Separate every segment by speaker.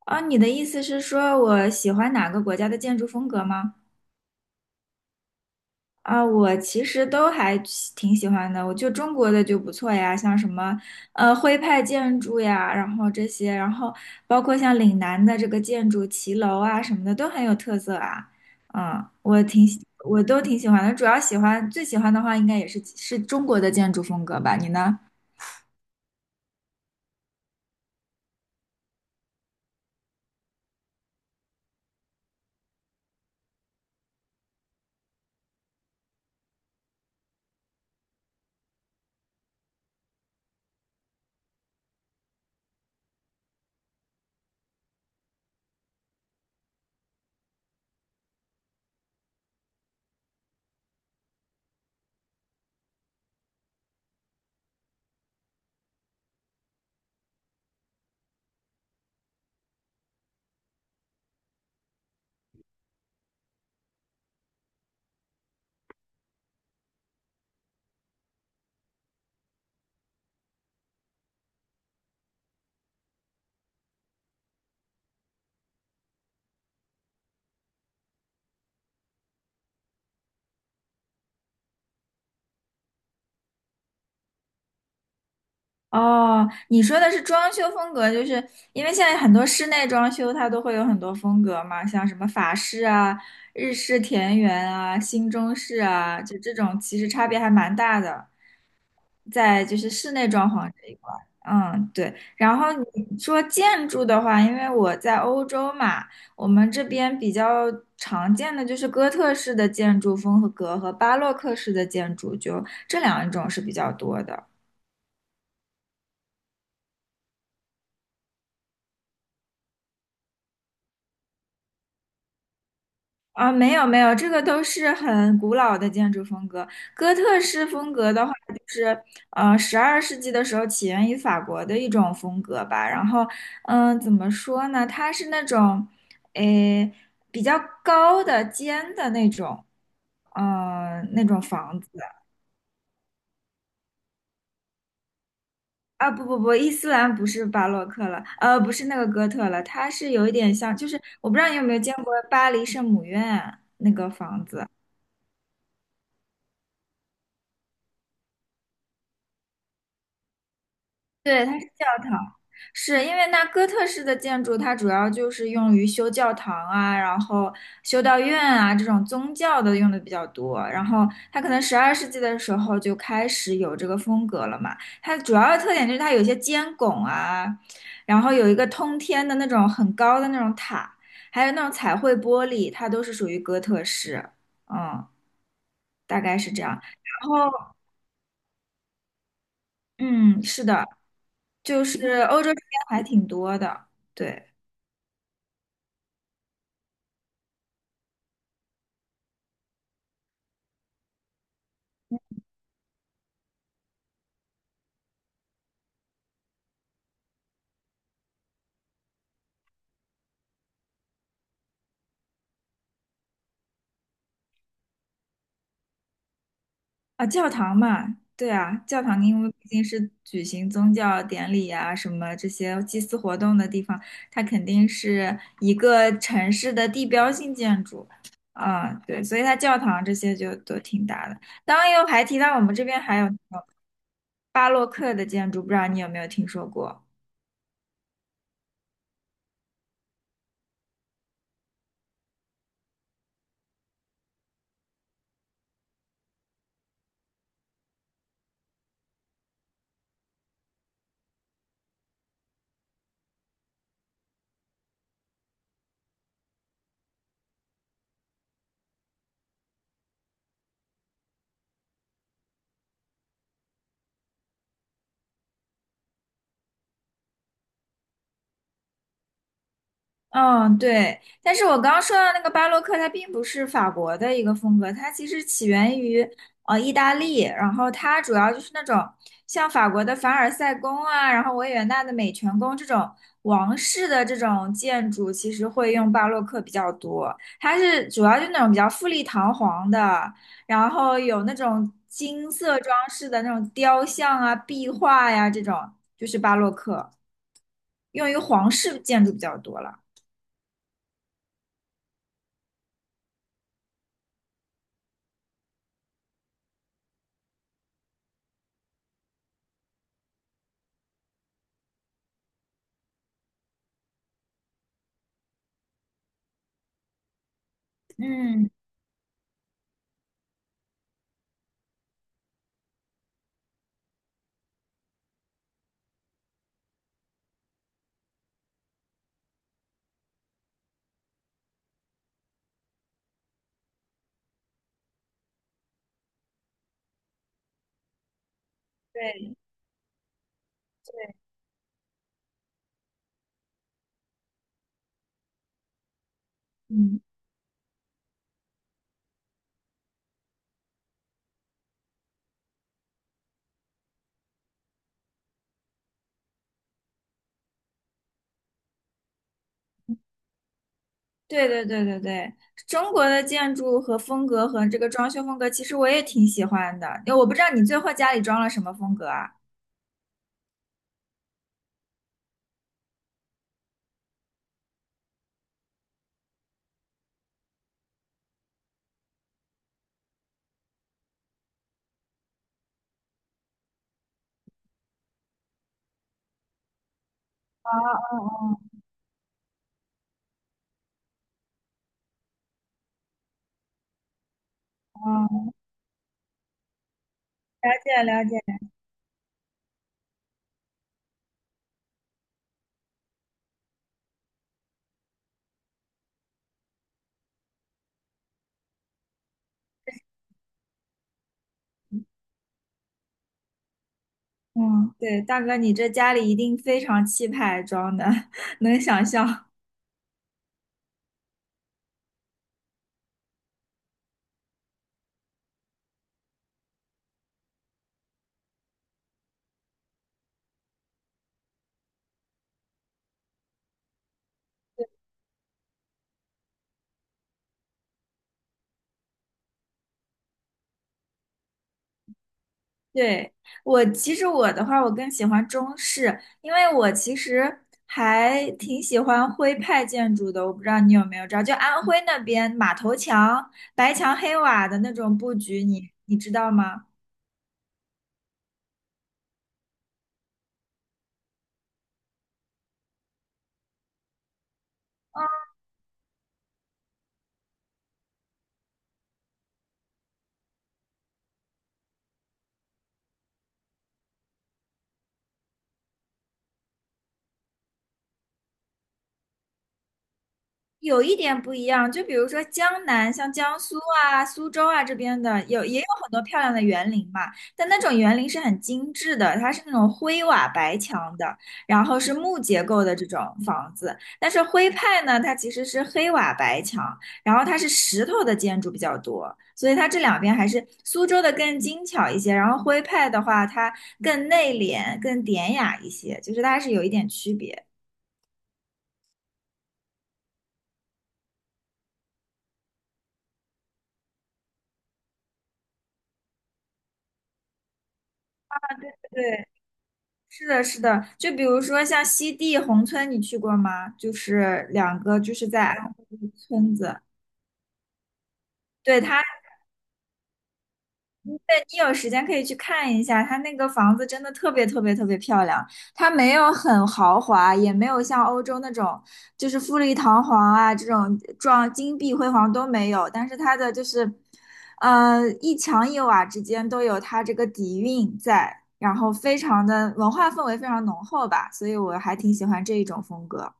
Speaker 1: 啊，你的意思是说我喜欢哪个国家的建筑风格吗？啊，我其实都还喜挺喜欢的，我就中国的就不错呀，像什么徽派建筑呀，然后这些，然后包括像岭南的这个建筑骑楼啊什么的都很有特色啊。嗯，我挺喜我都挺喜欢的，主要喜欢最喜欢的话应该也是中国的建筑风格吧，你呢？哦，你说的是装修风格，就是因为现在很多室内装修它都会有很多风格嘛，像什么法式啊、日式田园啊、新中式啊，就这种其实差别还蛮大的，在就是室内装潢这一块。嗯，对。然后你说建筑的话，因为我在欧洲嘛，我们这边比较常见的就是哥特式的建筑风格和巴洛克式的建筑，就这两种是比较多的。啊，没有，这个都是很古老的建筑风格。哥特式风格的话，就是十二世纪的时候起源于法国的一种风格吧。然后，嗯，怎么说呢？它是那种，诶，比较高的、尖的那种，那种房子啊。不，伊斯兰不是巴洛克了，不是那个哥特了，它是有一点像，就是我不知道你有没有见过巴黎圣母院那个房子。对，它是教堂，是因为那哥特式的建筑，它主要就是用于修教堂啊，然后修道院啊这种宗教的用的比较多。然后它可能十二世纪的时候就开始有这个风格了嘛。它主要的特点就是它有一些尖拱啊，然后有一个通天的那种很高的那种塔，还有那种彩绘玻璃，它都是属于哥特式。嗯，大概是这样。然后，嗯，是的。就是欧洲这边还挺多的，对啊，教堂嘛，对啊，教堂因为毕竟是举行宗教典礼啊什么这些祭祀活动的地方，它肯定是一个城市的地标性建筑，啊，对，所以它教堂这些就都挺大的。当然又还提到我们这边还有那种巴洛克的建筑，不知道你有没有听说过？嗯，对，但是我刚刚说到那个巴洛克，它并不是法国的一个风格，它其实起源于意大利，然后它主要就是那种像法国的凡尔赛宫啊，然后维也纳的美泉宫这种王室的这种建筑，其实会用巴洛克比较多。它是主要就那种比较富丽堂皇的，然后有那种金色装饰的那种雕像啊、壁画呀、这种，就是巴洛克，用于皇室建筑比较多了。嗯。对对，嗯对对对对对，中国的建筑和风格和这个装修风格，其实我也挺喜欢的。因为我不知道你最后家里装了什么风格啊？啊啊啊！哦了解了解，嗯，对，大哥，你这家里一定非常气派装的，能想象。对，我其实我的话，我更喜欢中式，因为我其实还挺喜欢徽派建筑的。我不知道你有没有知道，就安徽那边马头墙、白墙黑瓦的那种布局你，你知道吗？有一点不一样，就比如说江南，像江苏啊、苏州啊这边的，有也有很多漂亮的园林嘛，但那种园林是很精致的，它是那种灰瓦白墙的，然后是木结构的这种房子。但是徽派呢，它其实是黑瓦白墙，然后它是石头的建筑比较多，所以它这两边还是苏州的更精巧一些，然后徽派的话，它更内敛、更典雅一些，就是它还是有一点区别。对。是的，是的，就比如说像西递宏村，你去过吗？就是两个，就是在安徽的村子。对，它，你有时间可以去看一下，它那个房子真的特别特别特别漂亮。它没有很豪华，也没有像欧洲那种就是富丽堂皇啊这种装金碧辉煌都没有，但是它的就是，一墙一瓦之间都有它这个底蕴在，然后非常的文化氛围非常浓厚吧，所以我还挺喜欢这一种风格。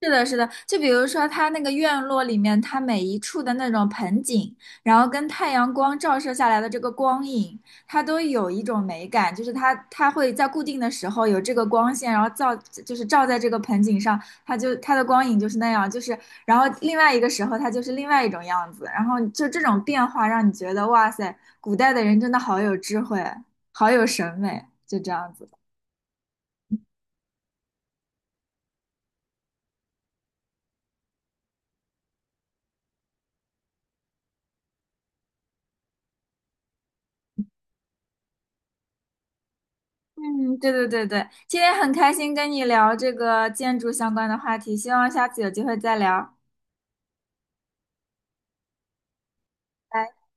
Speaker 1: 是的，是的，就比如说它那个院落里面，它每一处的那种盆景，然后跟太阳光照射下来的这个光影，它都有一种美感，就是它会在固定的时候有这个光线，然后照就是照在这个盆景上，它的光影就是那样，然后另外一个时候它就是另外一种样子，然后就这种变化让你觉得哇塞，古代的人真的好有智慧，好有审美，就这样子。嗯，对对对对，今天很开心跟你聊这个建筑相关的话题，希望下次有机会再聊。拜拜